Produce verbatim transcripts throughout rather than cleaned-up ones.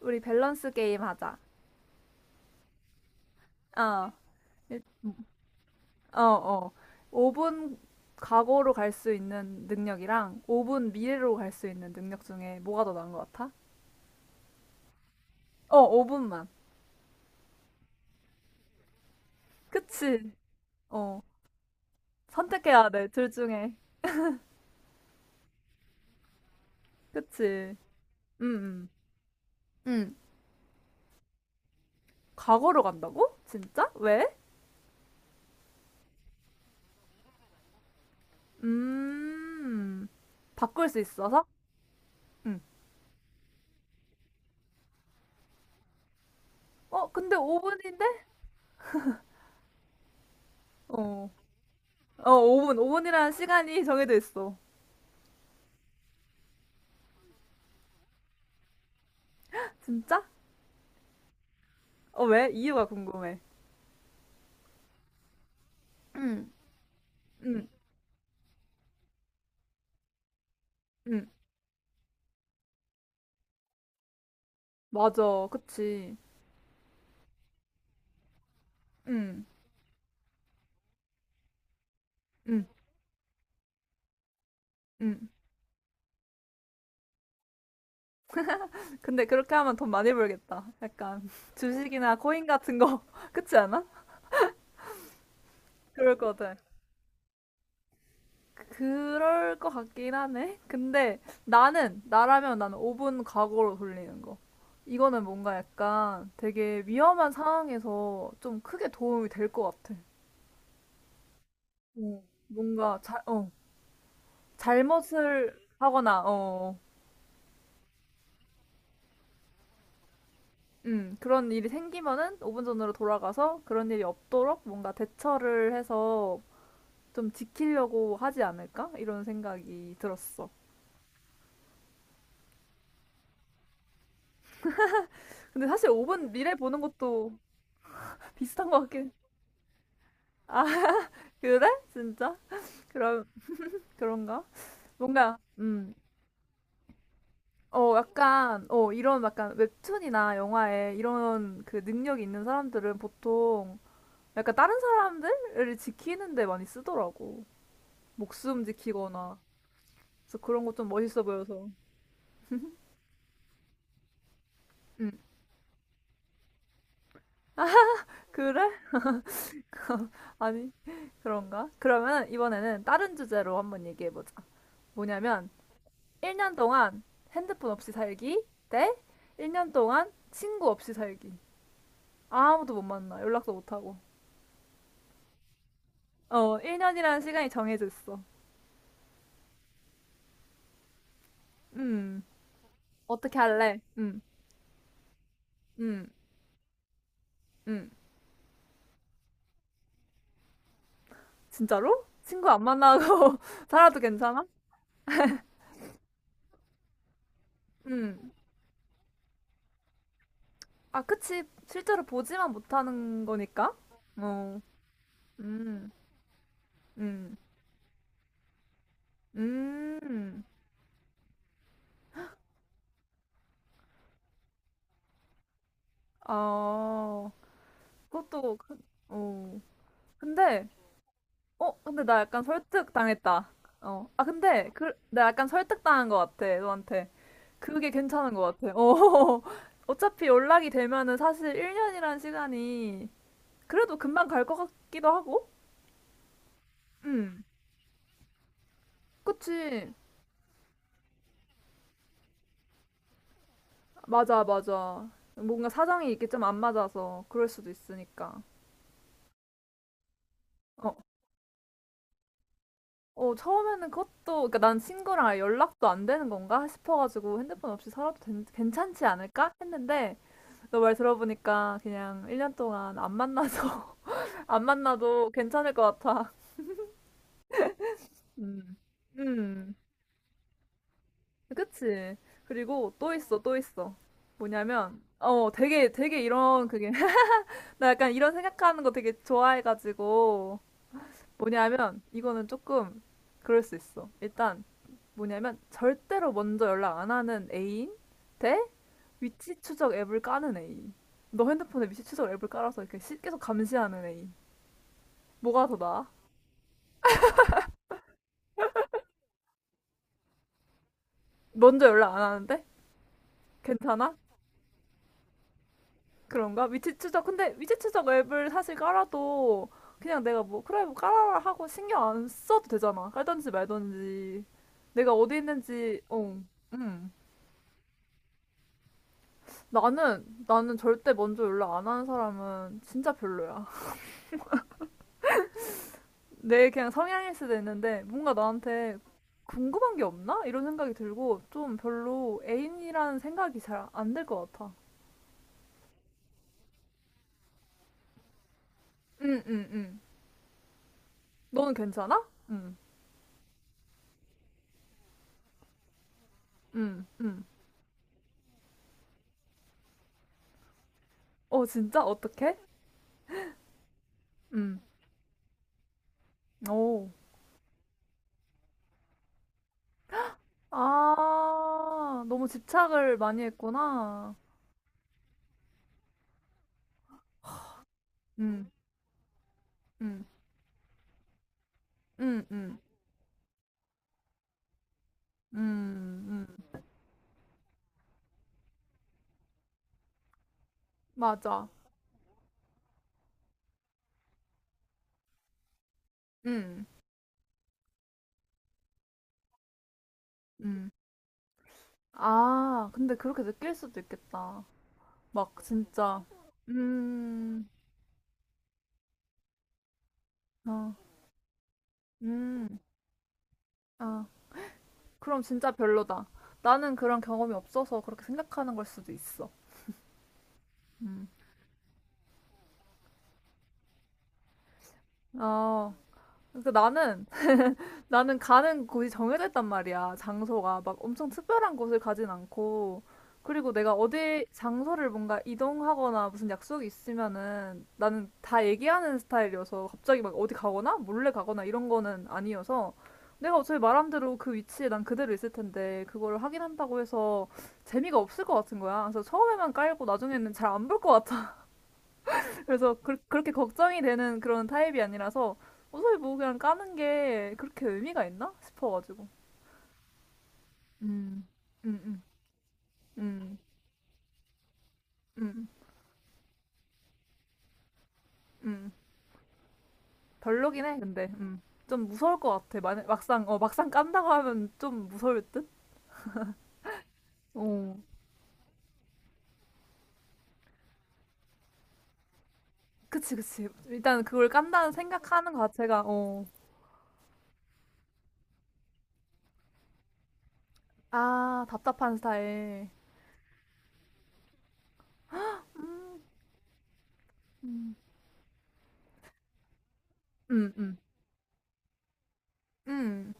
우리 밸런스 게임 하자. 어. 일- 어, 어. 오 분 과거로 갈 수 있는 능력이랑 오 분 미래로 갈 수 있는 능력 중에 뭐가 더 나은 것 같아? 어, 오 분만. 그치. 어. 선택해야 돼, 둘 중에. 그치. 음, 음. 음. 과거로 간다고? 진짜? 왜? 음. 바꿀 수 있어서? 응. 어, 근데 오 분인데? 어. 어, 오 분. 오 분이라는 시간이 정해져 있어. 진짜? 어, 왜? 이유가 궁금해. 응, 응, 응. 맞아. 그치. 응, 응, 응. 근데 그렇게 하면 돈 많이 벌겠다. 약간 주식이나 코인 같은 거. 그치 않아? 그럴 것 같아. 그럴 것 같긴 하네. 근데 나는, 나라면 나는 오 분 과거로 돌리는 거. 이거는 뭔가 약간 되게 위험한 상황에서 좀 크게 도움이 될 것 같아. 어, 뭔가 잘, 어, 잘못을 하거나, 어, 어. 음, 그런 일이 생기면은 오 분 전으로 돌아가서 그런 일이 없도록 뭔가 대처를 해서 좀 지키려고 하지 않을까? 이런 생각이 들었어. 근데 사실 오 분 미래 보는 것도 비슷한 것 같긴. 아, 그래? 진짜? 그럼, 그런가? 뭔가, 음, 어, 약간, 어, 이런 약간 웹툰이나 영화에 이런 그 능력이 있는 사람들은 보통 약간 다른 사람들을 지키는 데 많이 쓰더라고. 목숨 지키거나. 그래서 그런 거 좀 멋있어 보여서. 음, 그래? 아니, 그런가? 그러면 이번에는 다른 주제로 한번 얘기해보자. 뭐냐면, 일 년 동안 핸드폰 없이 살기 대 일 년 동안 친구 없이 살기. 아무도 못 만나. 연락도 못 하고. 어, 일 년이라는 시간이 정해져 있어. 음, 어떻게 할래? 음, 음, 음. 진짜로? 친구 안 만나고 살아도 괜찮아? 음. 아, 그치. 실제로 보지만 못하는 거니까. 어, 음, 음. 음. 아, 그것도, 그- 어. 근데, 어, 근데 나 약간 설득당했다. 어. 아, 근데, 그, 내가 약간 설득당한 것 같아, 너한테. 그게 괜찮은 것 같아. 어. 어차피 연락이 되면은 사실 일 년이란 시간이 그래도 금방 갈 것 같기도 하고? 음. 그치. 맞아, 맞아. 뭔가 사정이 이게 좀 안 맞아서 그럴 수도 있으니까. 어. 어, 처음에는 그것도, 그니까 난 친구랑 아예 연락도 안 되는 건가 싶어가지고 핸드폰 없이 살아도 된- 괜찮지 않을까? 했는데, 너 말 들어보니까 그냥 일 년 동안 안 만나서, 안 만나도 괜찮을 것 같아. 음, 음, 그치. 그리고 또 있어, 또 있어. 뭐냐면, 어, 되게, 되게 이런, 그게, 나 약간 이런 생각하는 거 되게 좋아해가지고, 뭐냐면 이거는 조금 그럴 수 있어. 일단 뭐냐면 절대로 먼저 연락 안 하는 애인 대 위치 추적 앱을 까는 애인. 너 핸드폰에 위치 추적 앱을 깔아서 이렇게 시- 계속 감시하는 애인. 뭐가 더 나아? 먼저 연락 안 하는데? 괜찮아? 그런가? 위치 추적. 근데 위치 추적 앱을 사실 깔아도 그냥 내가 뭐 그래 뭐 깔아라 하고 신경 안 써도 되잖아. 깔던지 말던지 내가 어디 있는지 어. 음. 나는, 나는 절대 먼저 연락 안 하는 사람은 진짜 별로야. 내 그냥 성향일 수도 있는데, 뭔가 나한테 궁금한 게 없나? 이런 생각이 들고, 좀 별로 애인이라는 생각이 잘 안 들 것 같아. 응, 응, 응. 너는 괜찮아? 응, 응, 응. 어, 진짜? 어떻게? 응. 오. 아, 너무 집착을 많이 했구나. 응, 응, 응, 응, 응, 응. 맞아. 응, 응. 아, 근데 그렇게 느낄 수도 있겠다. 막 진짜, 음, 어, 음, 아, 그럼 진짜 별로다. 나는 그런 경험이 없어서 그렇게 생각하는 걸 수도 있어. 음, 어, 그러니까 나는 나는 가는 곳이 정해져 있단 말이야. 장소가 막 엄청 특별한 곳을 가진 않고. 그리고 내가 어디 장소를 뭔가 이동하거나 무슨 약속이 있으면은 나는 다 얘기하는 스타일이어서 갑자기 막 어디 가거나 몰래 가거나 이런 거는 아니어서 내가 어차피 말한 대로 그 위치에 난 그대로 있을 텐데 그거를 확인한다고 해서 재미가 없을 것 같은 거야. 그래서 처음에만 깔고 나중에는 잘안볼것 그래서 그, 그렇게 걱정이 되는 그런 타입이 아니라서 어차피 뭐 그냥 까는 게 그렇게 의미가 있나 싶어가지고. 음, 음, 음, 음, 음, 음. 별로긴 해, 근데. 음. 좀 무서울 것 같아. 만 막상, 어, 막상 깐다고 하면 좀 무서울 듯? 어. 그치, 그치. 일단 그걸 깐다는 생각하는 것 자체가, 어. 아, 답답한 스타일. 음, 음. 음, 음. 음.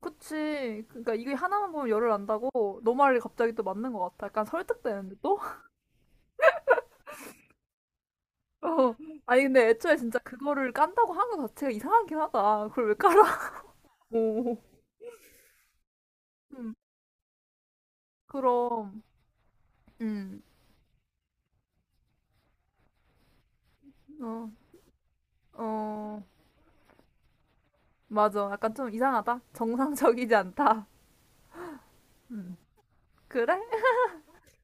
그치. 그러니까 이게 하나만 보면 열을 안다고 너 말이 갑자기 또 맞는 것 같아. 약간 설득되는데 또? 어. 아니 근데 애초에 진짜 그거를 깐다고 하는 것 자체가 이상하긴 하다. 그걸 왜 깔아? 오, 음, 그럼, 음, 어, 어, 맞아. 약간 좀 이상하다. 정상적이지 않다. 음, 그래?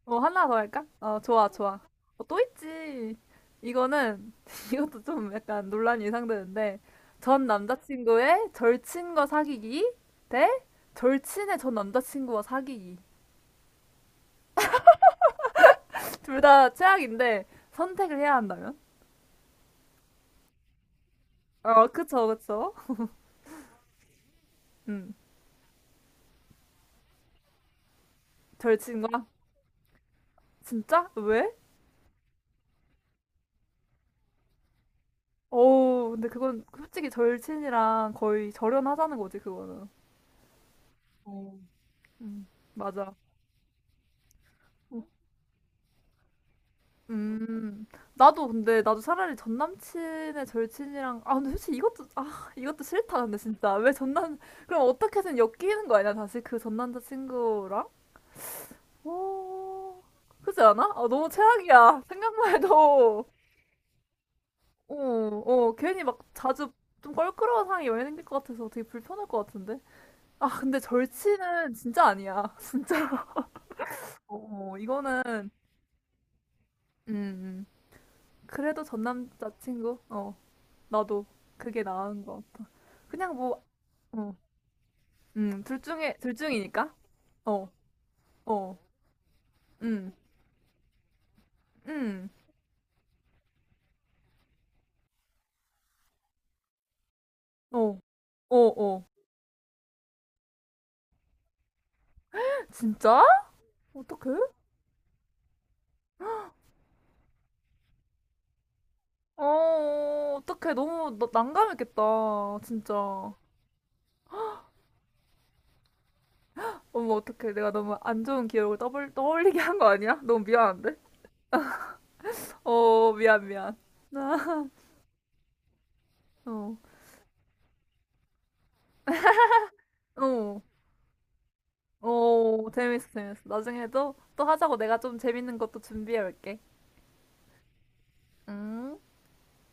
어, 하나 더 할까? 어, 좋아, 좋아. 어, 또 있지. 이거는, 이것도 좀 약간 논란이 예상되는데, 전 남자친구의 절친과 사귀기 대 절친의 전 남자친구와 사귀기. 둘 다 최악인데, 선택을 해야 한다면? 어, 그쵸, 그쵸. 음, 절친과? 진짜? 왜? 어우, 근데 그건 솔직히 절친이랑 거의 절연하자는 거지, 그거는. 맞아. 음. 나도 근데 나도 차라리 전 남친의 절친이랑 아 근데 솔직히 이것도 아 이것도 싫다 근데 진짜 왜 전남 그럼 어떻게든 엮이는 거 아니야 다시 그 전 남자친구랑? 오 그렇지 않아? 아 너무 최악이야 생각만 해도 어, 어 괜히 막 자주 좀 껄끄러운 상황이 여행이 생길 것 같아서 되게 불편할 것 같은데 아 근데 절친은 진짜 아니야 진짜 어 어, 이거는 음 음. 그래도 전 남자친구 어 나도 그게 나은 것 같아. 그냥 뭐, 어, 음, 둘 중에, 둘 중이니까? 어, 어, 음, 음, 어, 어, 어. 진짜? 어떡해? 어, 어떡해. 너무 나- 난감했겠다. 진짜. 어머, 어떡해. 내가 너무 안 좋은 기억을 떠벌, 떠올리게 한 거 아니야? 너무 미안한데? 어, 미안, 미안. 어, 어, 어, 재밌어, 재밌어. 나중에도 또 하자고 내가 좀 재밌는 것도 준비해 올게. 응?